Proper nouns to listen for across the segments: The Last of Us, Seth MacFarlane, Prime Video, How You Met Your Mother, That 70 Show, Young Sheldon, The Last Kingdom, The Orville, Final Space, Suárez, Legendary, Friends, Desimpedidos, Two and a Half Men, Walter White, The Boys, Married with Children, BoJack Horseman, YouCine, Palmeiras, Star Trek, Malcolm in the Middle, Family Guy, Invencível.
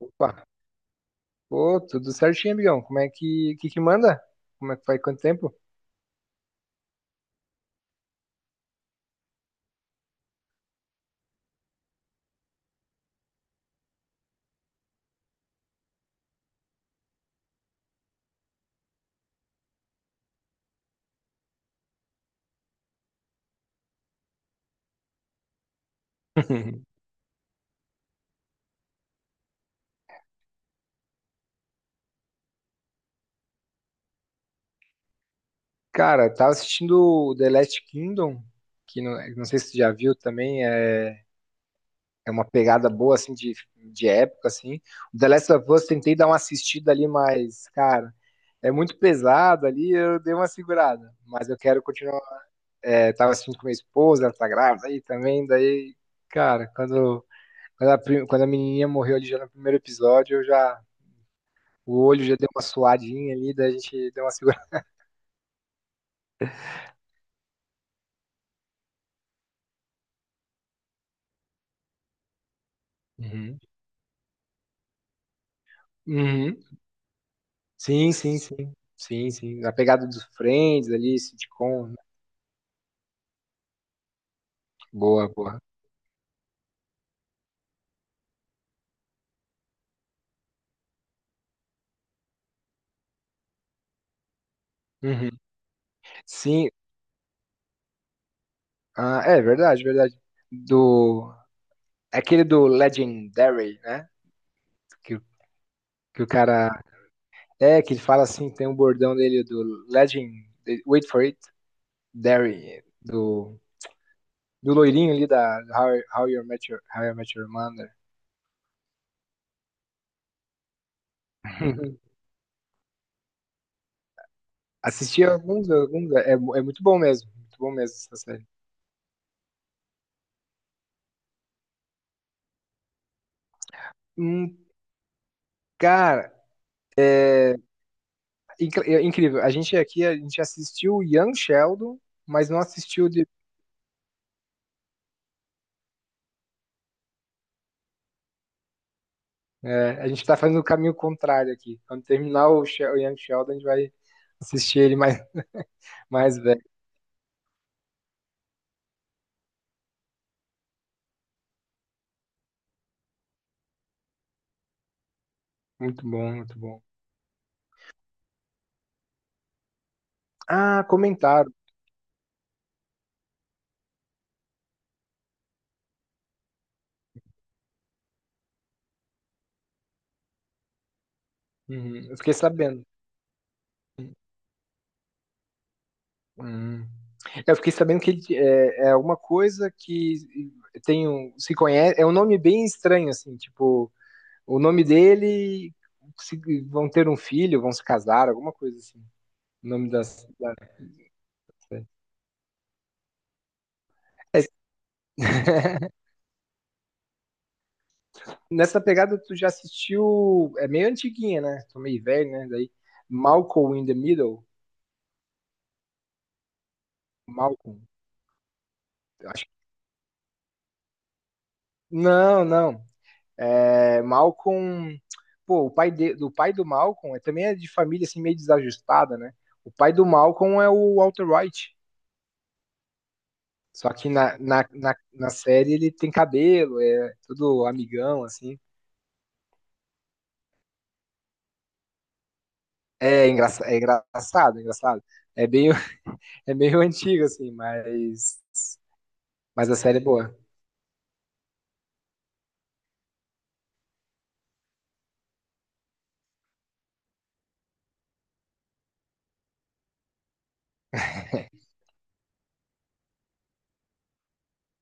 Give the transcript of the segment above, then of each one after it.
Opa, pô, tudo certinho, amigão. Como é que manda? Como é que faz quanto tempo? Cara, eu tava assistindo o The Last Kingdom, que não sei se tu já viu também, é, é uma pegada boa, assim, de época, assim. O The Last of Us, tentei dar uma assistida ali, mas, cara, é muito pesado ali, eu dei uma segurada. Mas eu quero continuar. É, tava assistindo com minha esposa, ela tá grávida aí também, daí, cara, quando a menininha morreu ali já no primeiro episódio, eu já o olho já deu uma suadinha ali, daí a gente deu uma segurada. Uhum. Uhum. Sim, sim, sim. Sim, sim. A pegada dos Friends ali, sitcom, né? Boa, boa. Uhum. Sim, ah, é verdade, verdade. Do. É aquele do Legendary, né? Que, o- que o cara. É, que ele fala assim, tem um bordão dele do Legend. Wait for it, Dairy. Do loirinho ali da How You Met Your Mother. Assisti alguns, alguns é, é muito bom mesmo essa série. Hum, cara, é, é incrível. A gente aqui, a gente assistiu Young Sheldon, mas não assistiu de, é, a gente tá fazendo o caminho contrário aqui. Quando terminar o, o Young Sheldon, a gente vai assistir ele mais, mais velho. Muito bom, muito bom. Ah, comentaram. Uhum, eu fiquei sabendo. Hum. Eu fiquei sabendo que ele é alguma coisa que tem um, se conhece, é um nome bem estranho, assim, tipo, o nome dele. se- Vão ter um filho, vão se casar, alguma coisa assim. O nome das. Da série. Nessa pegada, tu já assistiu. É meio antiguinha, né? Tô meio velho, né? Daí. Malcolm in the Middle. Malcolm. Eu acho que. Não, não. É, Malcolm. Pô, o pai, do pai do Malcolm é, também é de família assim, meio desajustada, né? O pai do Malcolm é o Walter White. Só que na série ele tem cabelo, é todo amigão, assim. É engraçado, é engraçado. É meio, é meio antigo, assim, mas a série é boa.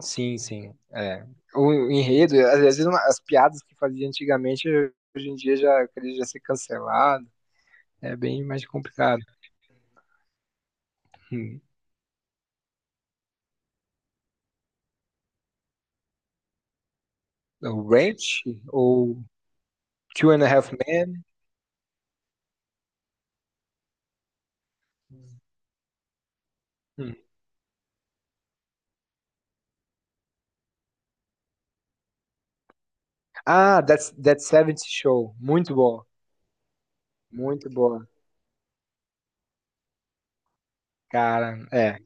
Sim, sim. É. O enredo, às vezes as piadas que fazia antigamente, hoje em dia já queria já ser cancelado. É bem mais complicado. Hum. O Ranch ou Two and a Half Men. Hum. Ah, That's, That 70 Show. Muito bom. Muito boa. Cara, é.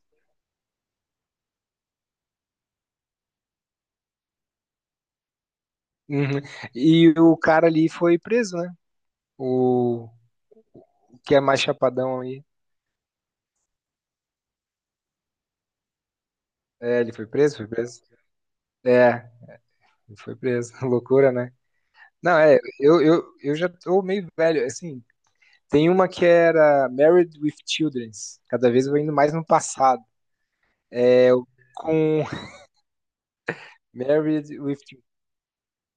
Uhum. E o cara ali foi preso, né? O que é mais chapadão aí. É, ele foi preso, foi preso. É, ele foi preso. Loucura, né? Não, é, eu já tô meio velho, assim, tem uma que era Married with Children. Cada vez eu vou indo mais no passado. É eu com Married with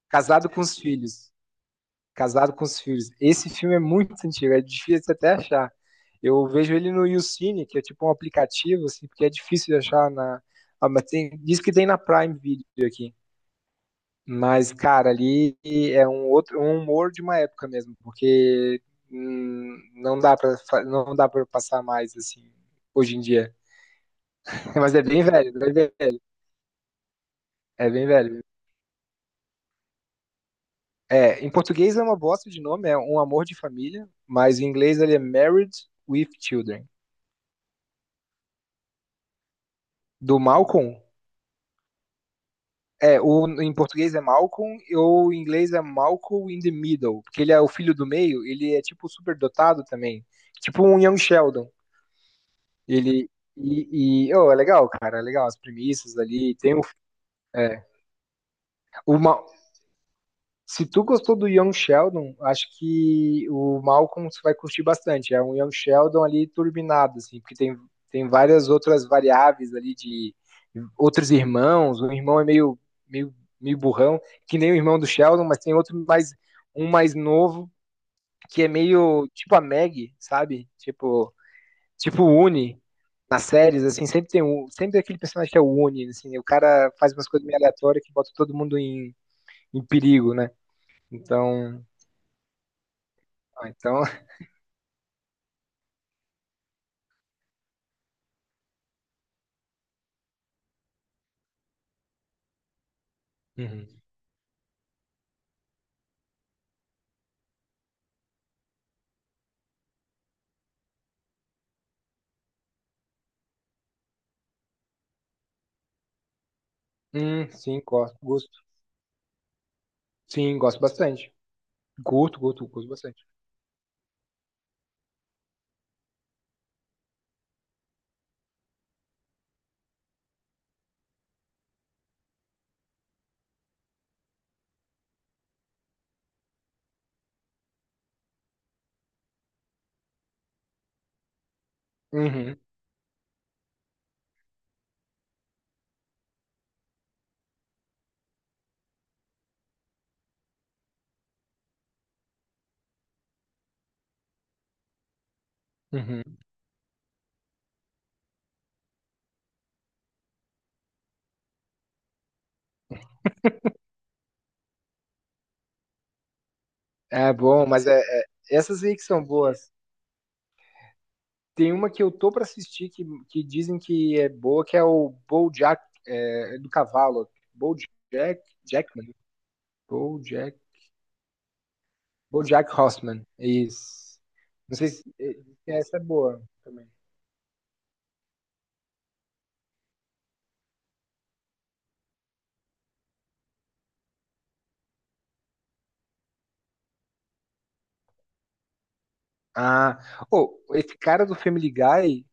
Casado com os Filhos. Casado com os Filhos. Esse filme é muito antigo, é difícil até achar. Eu vejo ele no YouCine, que é tipo um aplicativo, assim, porque é difícil de achar na. Ah, mas tem, diz que tem na Prime Video aqui. Mas, cara, ali é um outro, um humor de uma época mesmo, porque não dá para passar mais assim hoje em dia. Mas é bem velho, é bem velho, é bem velho. É, em português é uma bosta de nome, é Um Amor de Família, mas em inglês ele é Married with Children. Do Malcolm, é, o, em português é Malcolm, ou em inglês é Malcolm in the Middle, porque ele é o filho do meio, ele é tipo superdotado também, tipo um Young Sheldon. Ele. E oh, é legal, cara, é legal as premissas ali. Tem o, é, uma, se tu gostou do Young Sheldon, acho que o Malcolm você vai curtir bastante. É um Young Sheldon ali turbinado, assim, porque tem, tem várias outras variáveis ali de outros irmãos. O irmão é meio, meio, meio burrão, que nem o irmão do Sheldon, mas tem outro mais um mais novo que é meio tipo a Maggie, sabe? Tipo, tipo, o Uni, nas séries, assim, sempre tem um, sempre tem aquele personagem que é o Uni, assim, o cara faz umas coisas meio aleatórias que bota todo mundo em, em perigo, né? Então, ah, então, uhum. Sim, gosto, gosto. Sim, gosto bastante. Curto, curto, curto bastante. Uhum, uhum. É bom, essas aí que são boas. Tem uma que eu tô pra assistir que dizem que é boa, que é o BoJack, é, é do cavalo. BoJack, Jackman. BoJack BoJack Horseman, isso. Não sei se essa é boa também. Ah, oh, esse cara do Family Guy,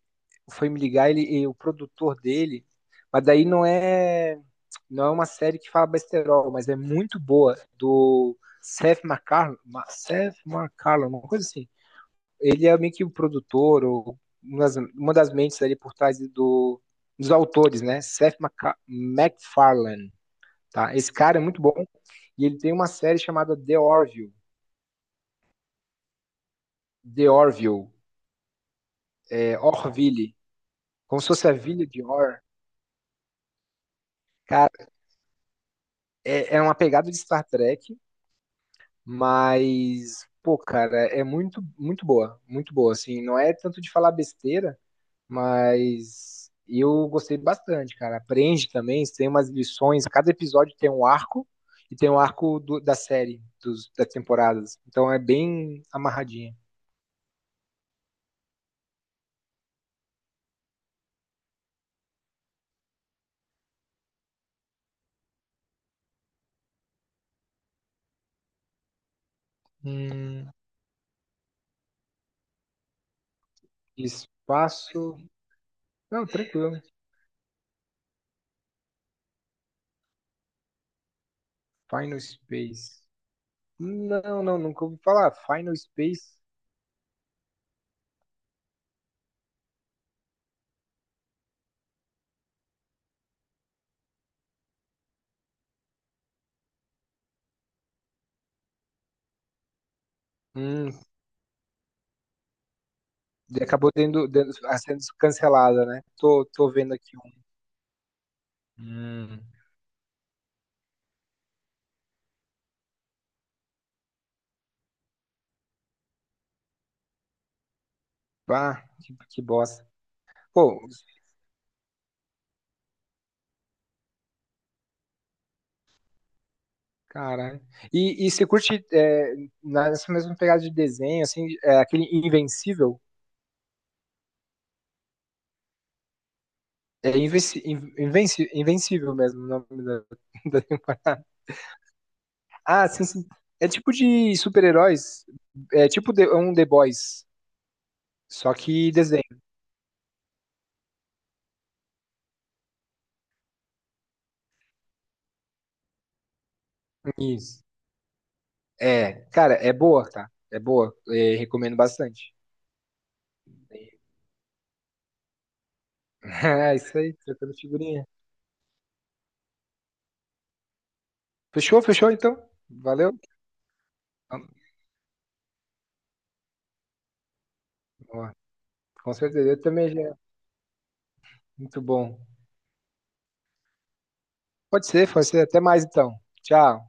o Family Guy, ele, e o produtor dele, mas daí não é não é uma série que fala besterol, mas é muito boa do Seth MacFarlane, Seth MacFarlane, uma coisa assim. Ele é meio que o produtor ou uma das mentes ali por trás do, dos autores, né? MacFarlane. Tá? Esse cara é muito bom e ele tem uma série chamada The Orville, The Orville, é, Orville, como se fosse a Vila de Or. Cara, é, é uma pegada de Star Trek, mas pô, cara, é muito muito boa, assim, não é tanto de falar besteira, mas eu gostei bastante, cara. Aprende também, tem umas lições, cada episódio tem um arco e tem um arco da série, dos, das temporadas. Então é bem amarradinha. Hum, espaço. Não, tranquilo. Final Space. Não, não, nunca ouvi falar. Final Space. Hum, ah, sendo cancelada, né? Tô, tô vendo aqui um. Hum. Ah, que bosta. Pô, caralho. E você curte é, nessa mesma pegada de desenho, assim, é, aquele Invencível? É invenci, invenci, Invencível mesmo o nome da, da temporada. Ah, sim, sim. É tipo de super-heróis. É tipo um The Boys, só que desenho. Isso. É, cara, é boa, tá? É boa. É, recomendo bastante. É isso aí, trocando figurinha. Fechou, fechou então? Valeu? Ó, com certeza, eu também já. Muito bom. Pode ser, pode ser. Até mais então. Tchau.